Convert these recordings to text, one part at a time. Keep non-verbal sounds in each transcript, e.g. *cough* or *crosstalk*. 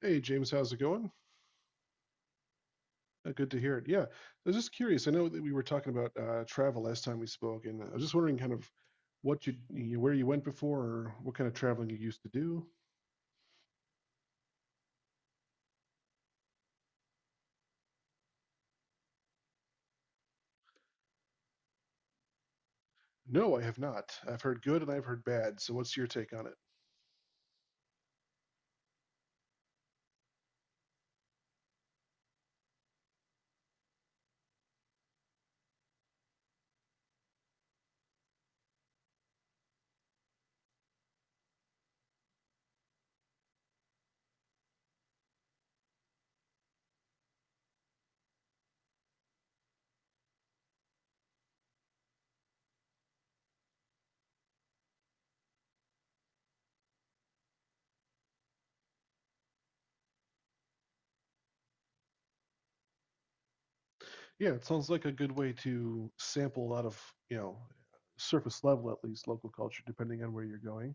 Hey, James, how's it going? Good to hear it. Yeah, I was just curious. I know that we were talking about travel last time we spoke, and I was just wondering kind of what you where you went before, or what kind of traveling you used to do. No, I have not. I've heard good and I've heard bad. So, what's your take on it? Yeah, it sounds like a good way to sample a lot of, you know, surface level at least local culture, depending on where you're going.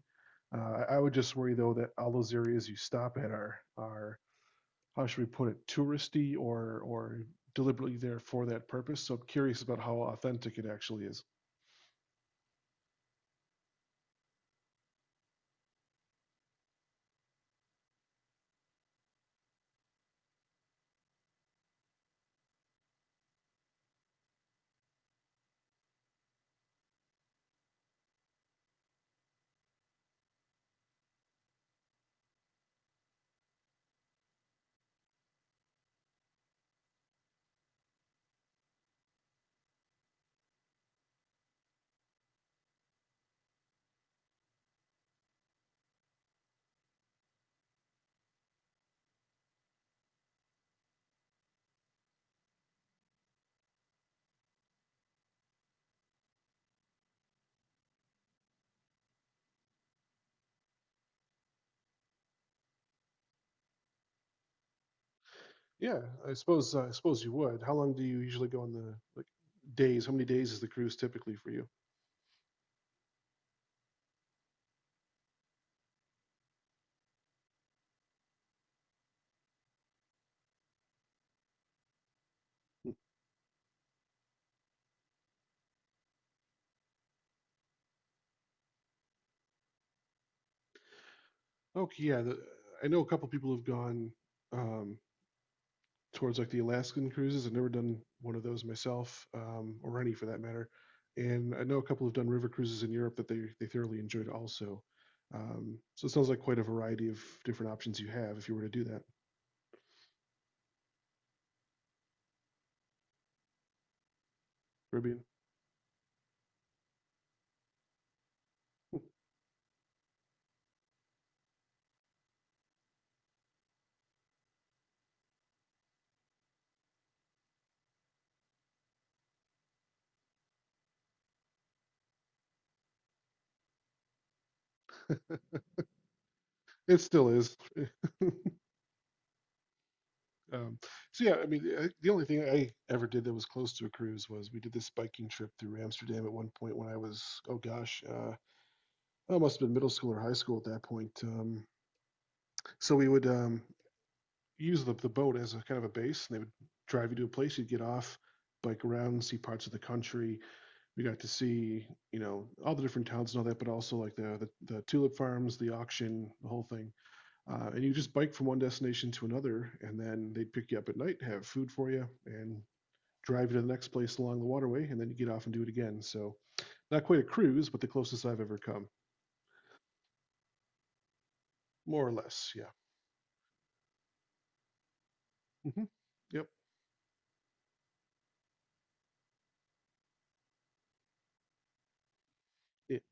I would just worry though that all those areas you stop at are, how should we put it, touristy or deliberately there for that purpose. So I'm curious about how authentic it actually is. Yeah, I suppose you would. How long do you usually go on the like days? How many days is the cruise typically for you? Okay, yeah, the, I know a couple people have gone um, towards like the Alaskan cruises. I've never done one of those myself, or any for that matter. And I know a couple have done river cruises in Europe that they thoroughly enjoyed also. So it sounds like quite a variety of different options you have if you were to do that. Caribbean. It still is. *laughs* Um, so yeah, I mean, I, the only thing I ever did that was close to a cruise was we did this biking trip through Amsterdam at one point when I was, oh gosh, I must have been middle school or high school at that point. So we would, use the boat as a kind of a base. And they would drive you to a place, you'd get off, bike around, see parts of the country. We got to see, you know, all the different towns and all that, but also like the tulip farms, the auction, the whole thing. And you just bike from one destination to another, and then they'd pick you up at night, have food for you, and drive you to the next place along the waterway, and then you get off and do it again. So not quite a cruise, but the closest I've ever come, more or less. Yeah. Hmm. Yep. It,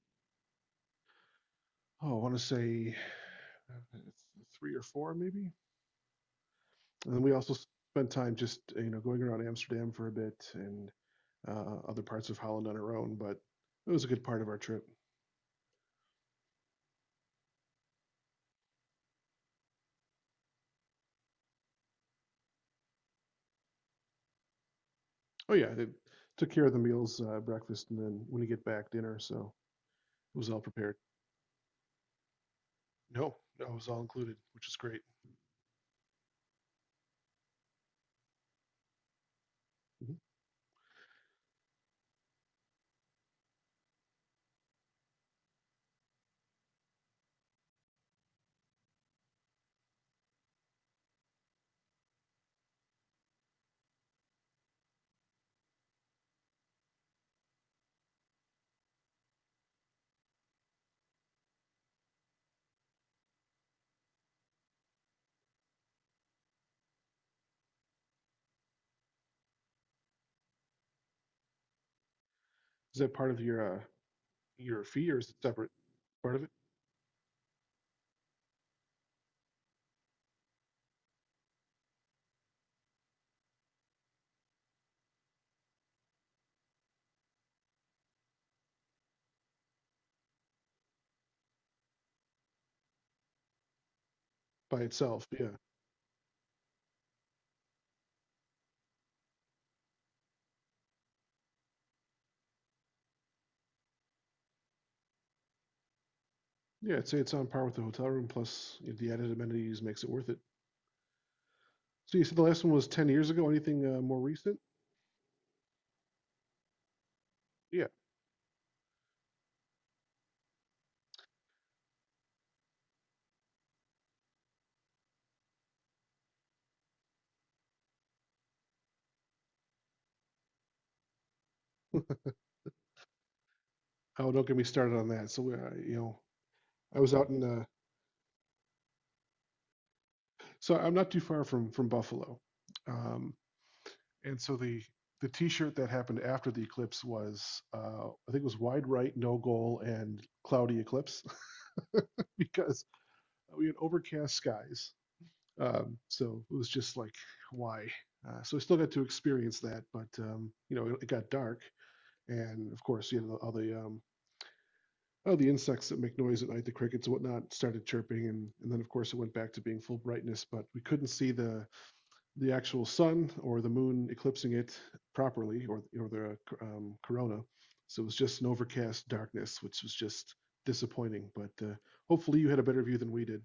oh, I want to say uh, th- three or four, maybe. And then we also spent time just you know going around Amsterdam for a bit and other parts of Holland on our own. But it was a good part of our trip. Oh yeah, it took care of the meals, breakfast, and then when you get back, dinner. So it was all prepared. No, no, it was all included, which is great. Mhm. Is that part of your fee or is it separate? Part of it by itself. Yeah, yeah. I'd say it's on par with the hotel room. Plus the added amenities makes it worth it. So you said the last one was 10 years ago. Anything more recent? Yeah. *laughs* Oh, don't get me started on that. So, you know, I was out in so I'm not too far from Buffalo, um, and so the T-shirt that happened after the eclipse was I think it was wide right, no goal, and cloudy eclipse *laughs* because we had overcast skies. So it was just like why? So I still got to experience that, but it got dark, and of course you know all the insects that make noise at night, the crickets and whatnot, started chirping, and then of course it went back to being full brightness, but we couldn't see the actual sun or the moon eclipsing it properly or the corona. So it was just an overcast darkness, which was just disappointing. But hopefully you had a better view than we did.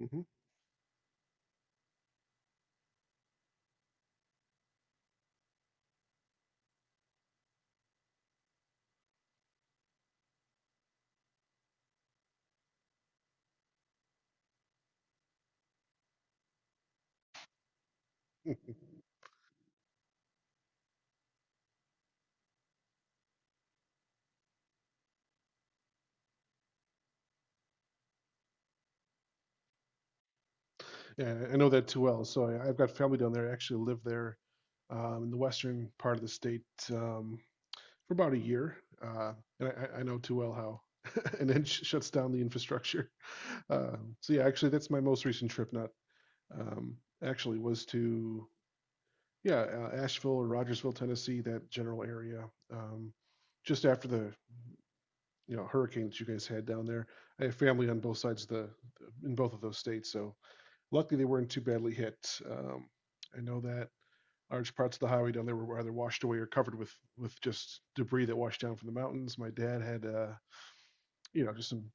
Hmm. *laughs* Yeah, I know that too well. So I've got family down there. I actually live there in the western part of the state, um, for about a year. Uh, I know too well how. *laughs* And then shuts down the infrastructure. *laughs* So yeah, actually, that's my most recent trip. Not um, actually was to yeah, Asheville or Rogersville, Tennessee, that general area. Um, just after the you know hurricane that you guys had down there, I have family on both sides of the in both of those states. So luckily they weren't too badly hit. Um, I know that large parts of the highway down there were either washed away or covered with just debris that washed down from the mountains. My dad had you know just some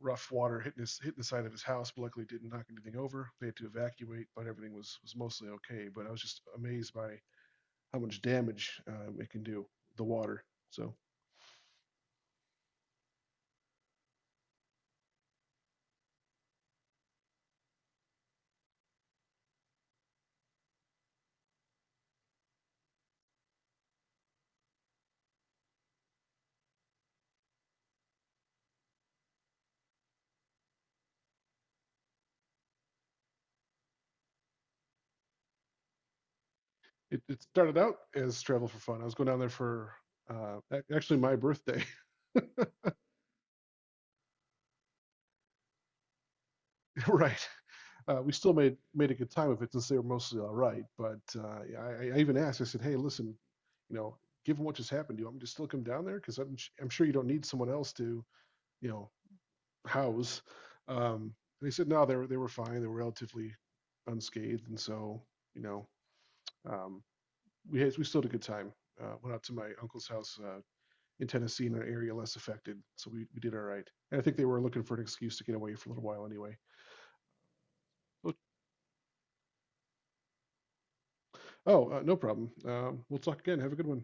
rough water hitting the side of his house, but luckily didn't knock anything over. They had to evacuate, but everything was mostly okay. But I was just amazed by how much damage it can do the water. So it started out as travel for fun. I was going down there for uh, actually my birthday. *laughs* Right. We still made a good time of it since they were mostly all right. But yeah, I even asked. I said, "Hey, listen, you know, given what just happened, do you want me to still come down there? Because I'm sure you don't need someone else to, you know, house." Um, and they said, "No, they were fine. They were relatively unscathed, and so you know, um, we still had a good time. Went out to my uncle's house in Tennessee in an area less affected, so we did all right. And I think they were looking for an excuse to get away for a little while anyway. Oh, no problem. We'll talk again. Have a good one.